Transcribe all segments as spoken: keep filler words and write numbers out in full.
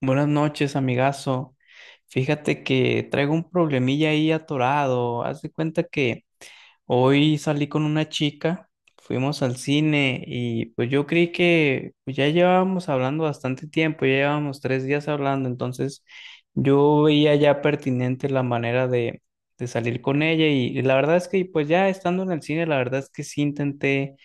Buenas noches, amigazo. Fíjate que traigo un problemilla ahí atorado. Haz de cuenta que hoy salí con una chica, fuimos al cine y pues yo creí que pues, ya llevábamos hablando bastante tiempo, ya llevábamos tres días hablando, entonces yo veía ya pertinente la manera de, de salir con ella y, y la verdad es que pues ya estando en el cine, la verdad es que sí intenté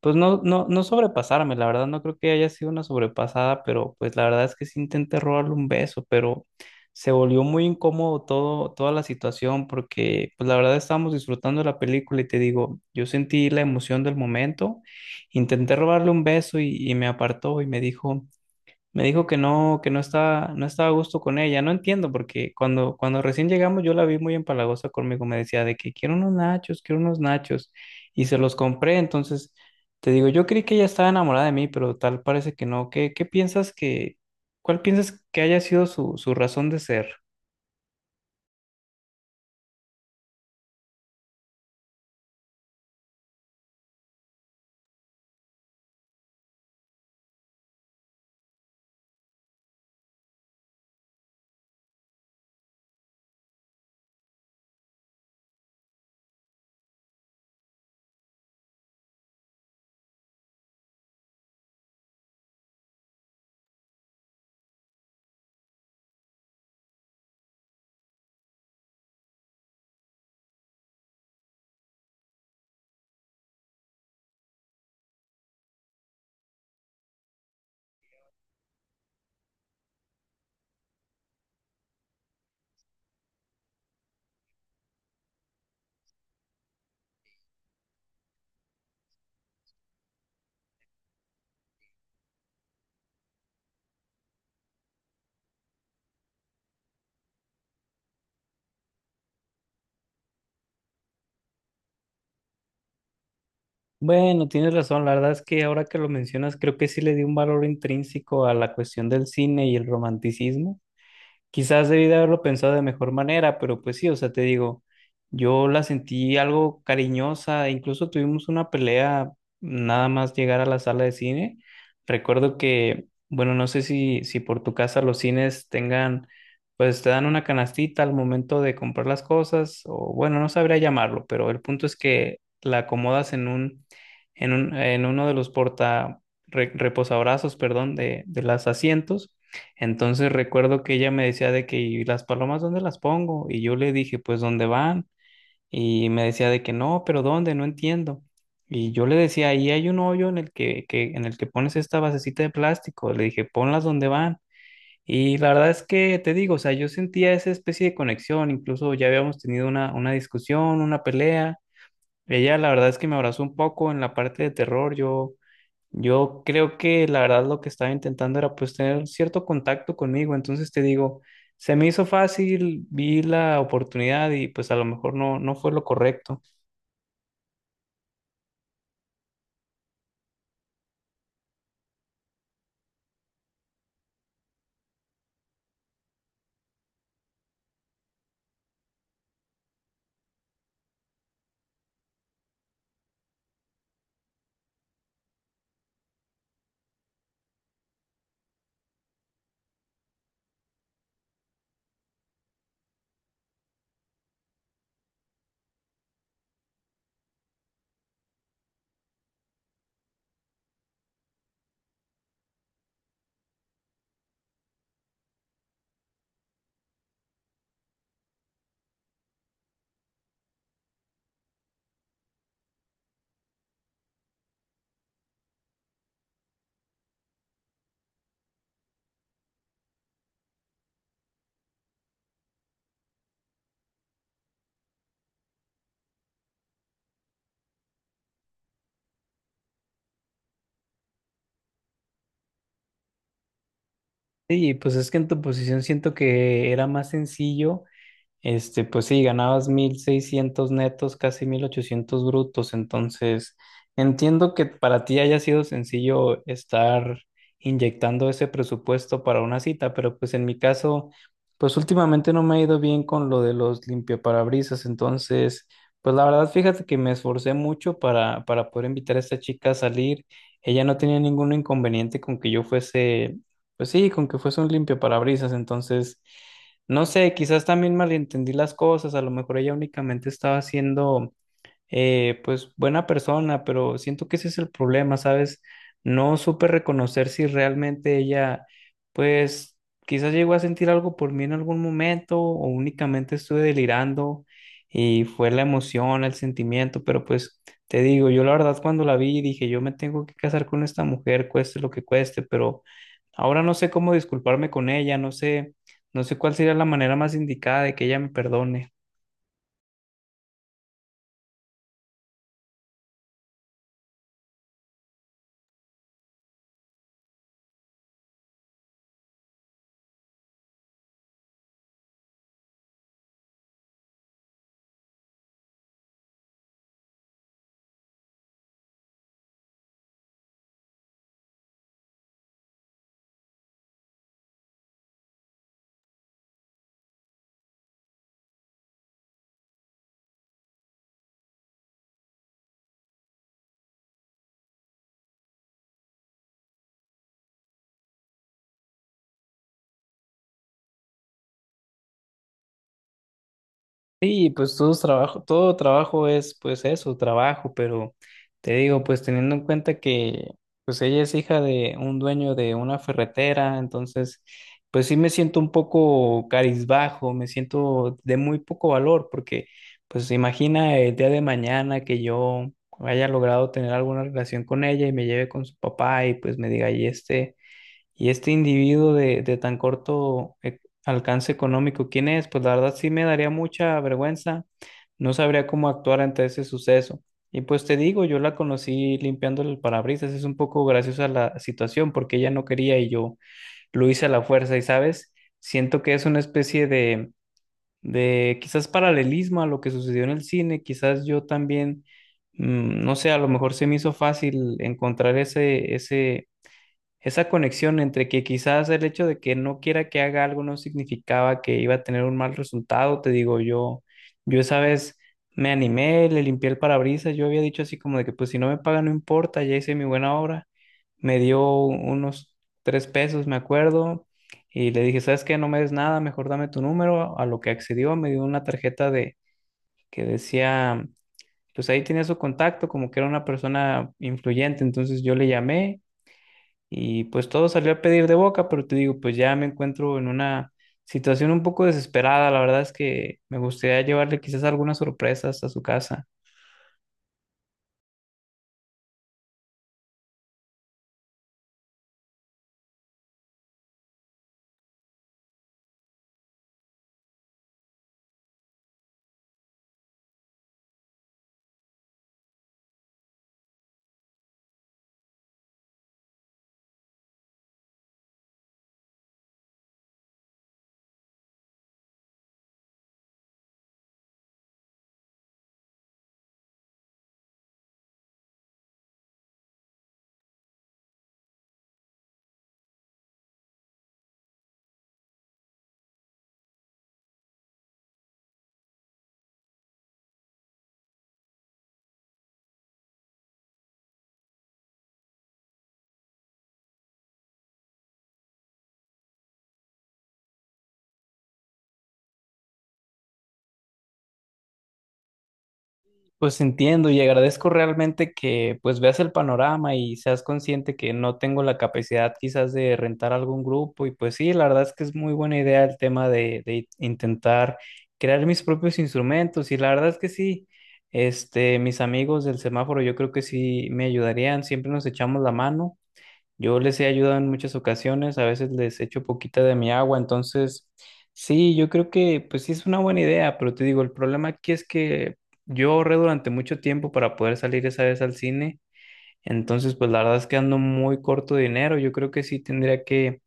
pues no, no, no sobrepasarme, la verdad no creo que haya sido una sobrepasada, pero pues la verdad es que sí intenté robarle un beso, pero se volvió muy incómodo todo, toda la situación porque pues la verdad estábamos disfrutando de la película y te digo, yo sentí la emoción del momento, intenté robarle un beso y, y me apartó y me dijo, me dijo que no, que no estaba, no estaba a gusto con ella. No entiendo, porque cuando, cuando recién llegamos yo la vi muy empalagosa conmigo. Me decía de que quiero unos nachos, quiero unos nachos. Y se los compré. Entonces, te digo, yo creí que ella estaba enamorada de mí, pero tal parece que no. ¿Qué, qué piensas que, cuál piensas que haya sido su, su razón de ser? Bueno, tienes razón. La verdad es que ahora que lo mencionas, creo que sí le di un valor intrínseco a la cuestión del cine y el romanticismo. Quizás debí de haberlo pensado de mejor manera, pero pues sí, o sea, te digo, yo la sentí algo cariñosa, incluso tuvimos una pelea nada más llegar a la sala de cine. Recuerdo que, bueno, no sé si, si, por tu casa los cines tengan, pues te dan una canastita al momento de comprar las cosas, o bueno, no sabría llamarlo, pero el punto es que la acomodas en un, en un, en uno de los porta, re- reposabrazos, perdón, de, de los asientos, entonces recuerdo que ella me decía de que, ¿y las palomas dónde las pongo? Y yo le dije, pues, ¿dónde van? Y me decía de que no, pero ¿dónde? No entiendo. Y yo le decía, ahí hay un hoyo en el que, que- en el que pones esta basecita de plástico. Le dije, ponlas donde van. Y la verdad es que te digo, o sea, yo sentía esa especie de conexión. Incluso ya habíamos tenido una, una discusión, una pelea. Ella, la verdad es que me abrazó un poco en la parte de terror. Yo yo creo que la verdad lo que estaba intentando era pues tener cierto contacto conmigo, entonces te digo, se me hizo fácil, vi la oportunidad y pues a lo mejor no, no fue lo correcto. Y pues es que en tu posición siento que era más sencillo. Este, pues sí, ganabas mil seiscientos netos, casi mil ochocientos brutos, entonces entiendo que para ti haya sido sencillo estar inyectando ese presupuesto para una cita, pero pues en mi caso, pues últimamente no me ha ido bien con lo de los limpiaparabrisas, entonces, pues la verdad, fíjate que me esforcé mucho para, para poder invitar a esta chica a salir, ella no tenía ningún inconveniente con que yo fuese, pues sí, con que fuese un limpiaparabrisas, entonces. No sé, quizás también malentendí las cosas, a lo mejor ella únicamente estaba haciendo eh, pues buena persona, pero siento que ese es el problema, ¿sabes? No supe reconocer si realmente ella, pues quizás llegó a sentir algo por mí en algún momento o únicamente estuve delirando y fue la emoción, el sentimiento, pero pues te digo, yo la verdad cuando la vi dije, yo me tengo que casar con esta mujer, cueste lo que cueste, pero ahora no sé cómo disculparme con ella, no sé, no sé cuál sería la manera más indicada de que ella me perdone. Sí, pues todo trabajo, todo trabajo es pues eso, trabajo, pero te digo, pues teniendo en cuenta que pues ella es hija de un dueño de una ferretera, entonces pues sí me siento un poco carizbajo, me siento de muy poco valor, porque pues imagina el día de mañana que yo haya logrado tener alguna relación con ella y me lleve con su papá y pues me diga, y este y este individuo de, de tan corto eh, alcance económico, ¿quién es? Pues la verdad sí me daría mucha vergüenza, no sabría cómo actuar ante ese suceso. Y pues te digo, yo la conocí limpiando el parabrisas, es un poco graciosa la situación porque ella no quería y yo lo hice a la fuerza y, ¿sabes? Siento que es una especie de, de quizás paralelismo a lo que sucedió en el cine, quizás yo también, mm, no sé, a lo mejor se me hizo fácil encontrar ese, ese esa conexión entre que quizás el hecho de que no quiera que haga algo no significaba que iba a tener un mal resultado, te digo yo, yo esa vez me animé, le limpié el parabrisas, yo había dicho así como de que pues si no me pagan no importa, ya hice mi buena obra, me dio unos tres pesos, me acuerdo, y le dije, ¿sabes qué? No me des nada, mejor dame tu número, a lo que accedió, me dio una tarjeta de que decía, pues ahí tenía su contacto, como que era una persona influyente, entonces yo le llamé. Y pues todo salió a pedir de boca, pero te digo, pues ya me encuentro en una situación un poco desesperada. La verdad es que me gustaría llevarle quizás algunas sorpresas a su casa. Pues entiendo y agradezco realmente que pues veas el panorama y seas consciente que no tengo la capacidad quizás de rentar algún grupo. Y pues sí, la verdad es que es muy buena idea el tema de, de intentar crear mis propios instrumentos. Y la verdad es que sí. Este, mis amigos del semáforo, yo creo que sí me ayudarían, siempre nos echamos la mano. Yo les he ayudado en muchas ocasiones, a veces les echo poquita de mi agua, entonces sí, yo creo que pues sí es una buena idea, pero te digo, el problema aquí es que yo ahorré durante mucho tiempo para poder salir esa vez al cine, entonces pues la verdad es que ando muy corto de dinero, yo creo que sí tendría que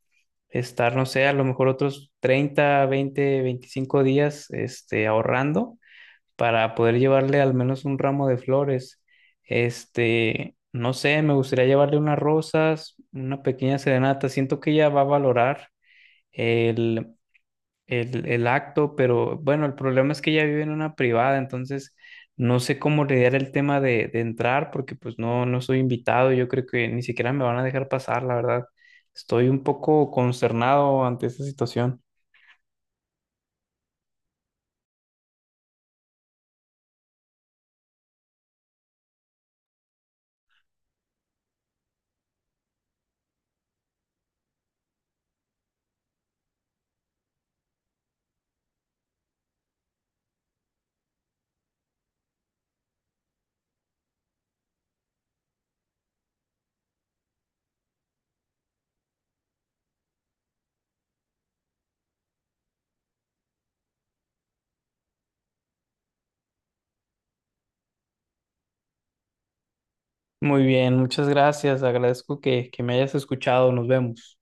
estar, no sé, a lo mejor otros treinta, veinte, veinticinco días este, ahorrando para poder llevarle al menos un ramo de flores. Este, no sé, me gustaría llevarle unas rosas, una pequeña serenata. Siento que ella va a valorar el, el, el acto, pero bueno, el problema es que ella vive en una privada, entonces no sé cómo lidiar el tema de, de entrar porque pues no, no soy invitado. Yo creo que ni siquiera me van a dejar pasar, la verdad. Estoy un poco consternado ante esta situación. Muy bien, muchas gracias. Agradezco que, que me hayas escuchado. Nos vemos.